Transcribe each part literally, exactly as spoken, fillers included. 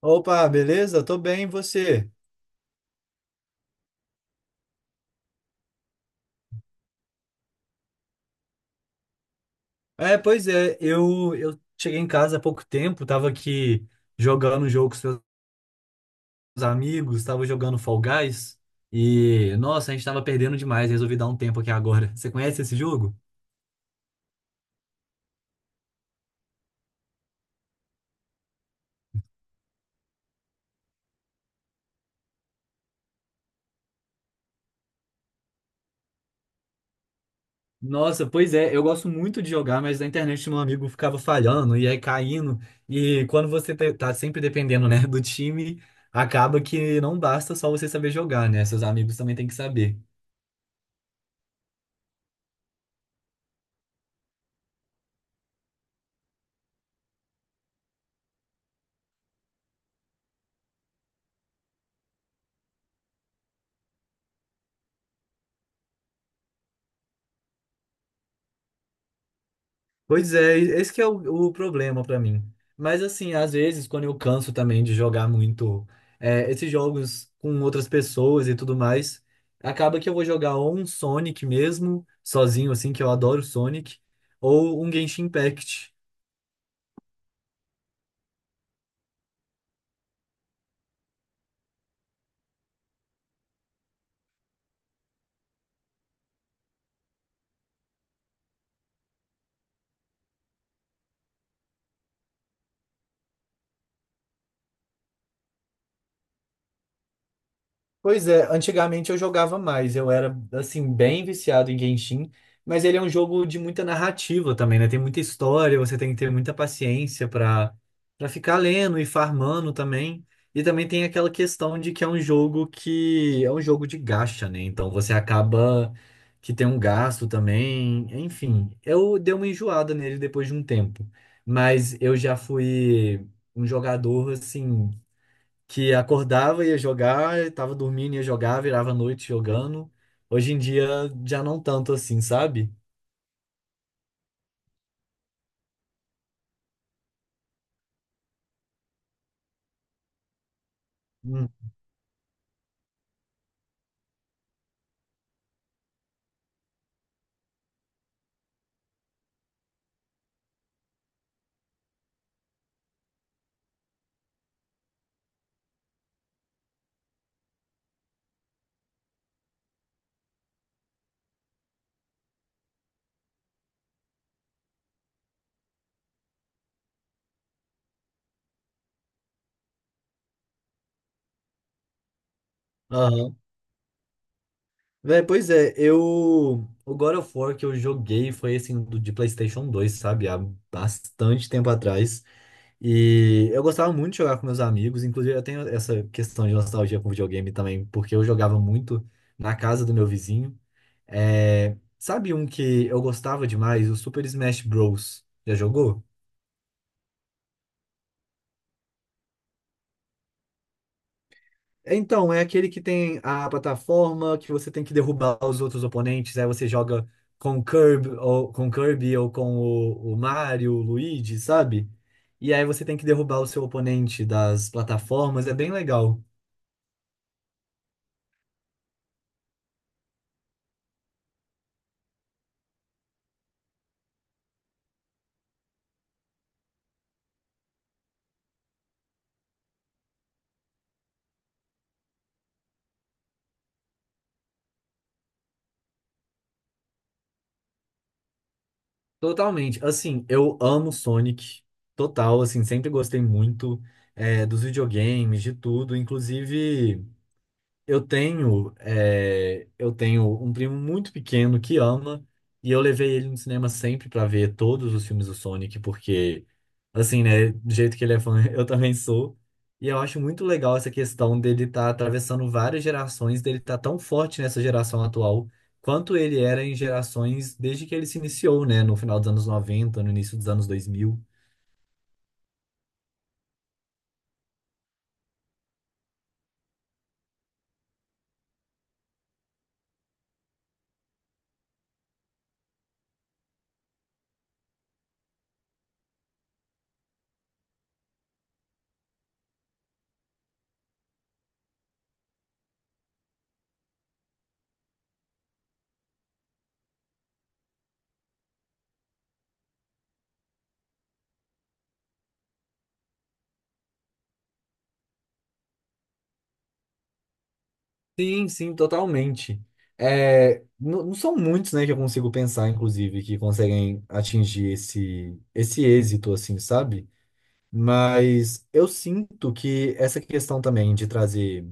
Opa, beleza? Tô bem, e você? É, pois é, eu, eu cheguei em casa há pouco tempo, tava aqui jogando um jogo com os meus amigos, tava jogando Fall Guys, e nossa, a gente tava perdendo demais, resolvi dar um tempo aqui agora. Você conhece esse jogo? Nossa, pois é, eu gosto muito de jogar, mas na internet meu amigo ficava falhando e aí caindo, e quando você te- tá sempre dependendo, né, do time, acaba que não basta só você saber jogar, né? Seus amigos também têm que saber. Pois é, esse que é o, o problema pra mim. Mas assim, às vezes, quando eu canso também de jogar muito é, esses jogos com outras pessoas e tudo mais, acaba que eu vou jogar ou um Sonic mesmo, sozinho, assim, que eu adoro Sonic, ou um Genshin Impact. Pois é, antigamente eu jogava mais, eu era assim bem viciado em Genshin, mas ele é um jogo de muita narrativa também, né? Tem muita história, você tem que ter muita paciência para para ficar lendo e farmando também. E também tem aquela questão de que é um jogo que é um jogo de gacha, né? Então você acaba que tem um gasto também, enfim. Eu dei uma enjoada nele depois de um tempo, mas eu já fui um jogador assim que acordava, ia jogar, tava dormindo, ia jogar, virava a noite jogando. Hoje em dia já não tanto assim, sabe? Hum. Aham. Véi, pois é, eu. O God of War que eu joguei foi assim, do, de PlayStation dois, sabe? Há bastante tempo atrás. E eu gostava muito de jogar com meus amigos, inclusive eu tenho essa questão de nostalgia com videogame também, porque eu jogava muito na casa do meu vizinho. É, Sabe um que eu gostava demais? O Super Smash Bros. Já jogou? Então, é aquele que tem a plataforma que você tem que derrubar os outros oponentes, aí você joga com o Kirby ou com, o Kirby, ou com o, o Mario, o Luigi, sabe? E aí você tem que derrubar o seu oponente das plataformas, é bem legal. Totalmente. Assim, eu amo Sonic, total, assim, sempre gostei muito é, dos videogames, de tudo, inclusive. Eu tenho, é, eu tenho um primo muito pequeno que ama, e eu levei ele no cinema sempre pra ver todos os filmes do Sonic, porque, assim, né, do jeito que ele é fã, eu também sou. E eu acho muito legal essa questão dele estar tá atravessando várias gerações, dele estar tá tão forte nessa geração atual, quanto ele era em gerações desde que ele se iniciou, né, no final dos anos noventa no início dos anos dois mil. Sim, sim, totalmente. É, não, não são muitos, né, que eu consigo pensar, inclusive, que conseguem atingir esse, esse êxito, assim, sabe? Mas eu sinto que essa questão também de trazer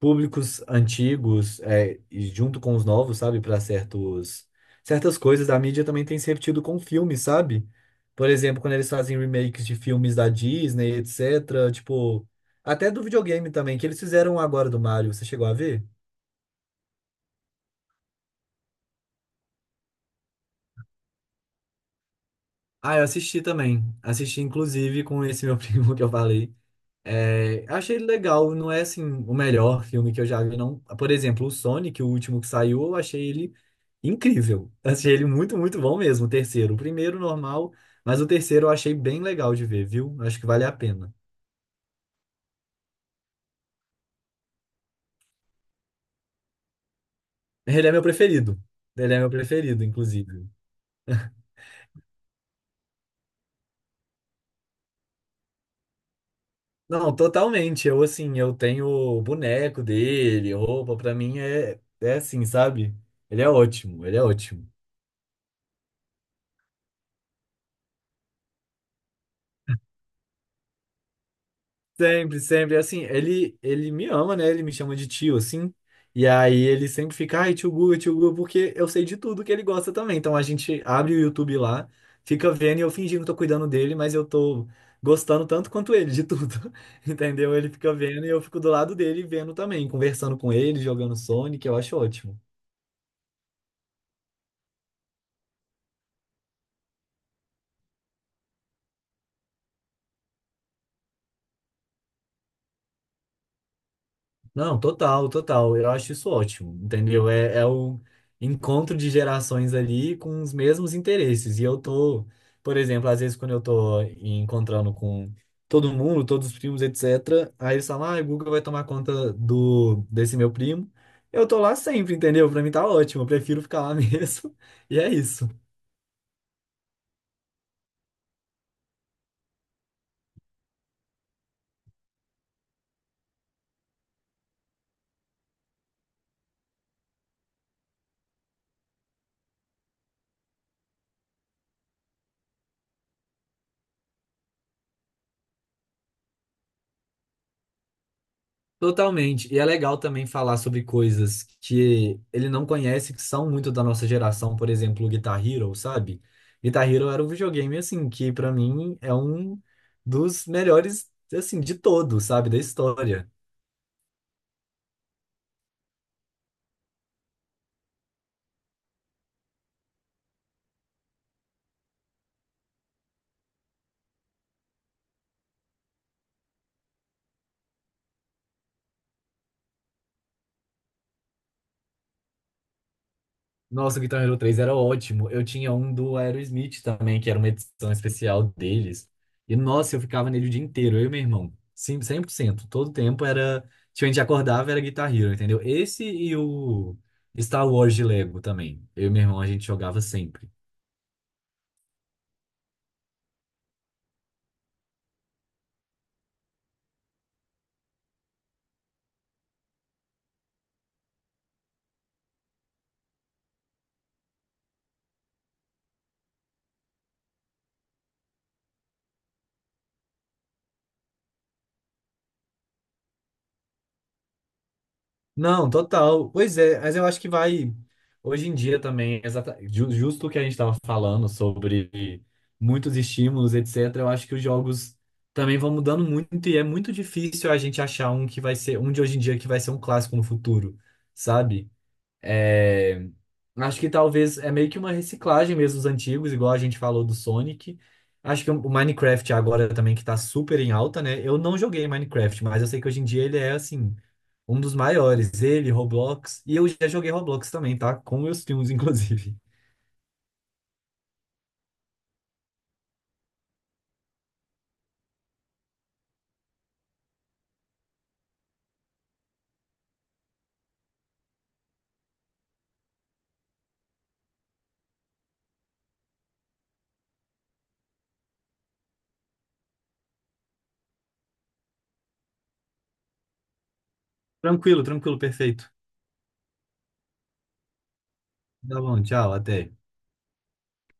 públicos antigos, é, e junto com os novos, sabe, para certos, certas coisas a mídia também tem se repetido com filmes, sabe? Por exemplo, quando eles fazem remakes de filmes da Disney, et cetera. Tipo, até do videogame também, que eles fizeram agora do Mario, você chegou a ver? Ah, eu assisti também. Assisti, inclusive, com esse meu primo que eu falei. É, achei ele legal, não é assim o melhor filme que eu já vi, não. Por exemplo, o Sonic, o último que saiu, eu achei ele incrível. Achei ele muito, muito bom mesmo, o terceiro. O primeiro, normal, mas o terceiro eu achei bem legal de ver, viu? Acho que vale a pena. Ele é meu preferido. Ele é meu preferido, inclusive. Não, totalmente. Eu, assim, eu tenho o boneco dele, roupa, pra mim é, é assim, sabe? Ele é ótimo, ele é ótimo. Sempre, sempre. Assim, ele, ele me ama, né? Ele me chama de tio, assim. E aí ele sempre fica, ai, tio Guga, tio Guga, porque eu sei de tudo que ele gosta também. Então a gente abre o YouTube lá, fica vendo e eu fingindo que tô cuidando dele, mas eu tô gostando tanto quanto ele de tudo. Entendeu? Ele fica vendo e eu fico do lado dele vendo também, conversando com ele, jogando Sonic, eu acho ótimo. Não, total, total. Eu acho isso ótimo, entendeu? É, é o encontro de gerações ali com os mesmos interesses. E eu tô, por exemplo, às vezes quando eu tô encontrando com todo mundo, todos os primos, et cetera, aí eles falam, ah, o Guga vai tomar conta do, desse meu primo. Eu tô lá sempre, entendeu? Pra mim tá ótimo, eu prefiro ficar lá mesmo. E é isso. Totalmente. E é legal também falar sobre coisas que ele não conhece, que são muito da nossa geração, por exemplo, o Guitar Hero, sabe? Guitar Hero era um videogame, assim, que pra mim é um dos melhores, assim, de todos, sabe? Da história. Nossa, o Guitar Hero três era ótimo. Eu tinha um do Aerosmith também, que era uma edição especial deles. E, nossa, eu ficava nele o dia inteiro, eu e meu irmão. Sim, cem por cento, todo tempo era. Tipo, a gente acordava, era Guitar Hero, entendeu? Esse e o Star Wars de Lego também. Eu e meu irmão, a gente jogava sempre. Não, total. Pois é, mas eu acho que vai. Hoje em dia também, exata, ju- justo o que a gente estava falando sobre muitos estímulos, et cetera, eu acho que os jogos também vão mudando muito e é muito difícil a gente achar um que vai ser, um de hoje em dia que vai ser um clássico no futuro, sabe? É, acho que talvez é meio que uma reciclagem mesmo dos antigos, igual a gente falou do Sonic. Acho que o Minecraft agora também que tá super em alta, né? Eu não joguei Minecraft, mas eu sei que hoje em dia ele é assim, um dos maiores. Ele, Roblox. E eu já joguei Roblox também, tá? Com meus filmes, inclusive. Tranquilo, tranquilo, perfeito. Tá bom, tchau, até.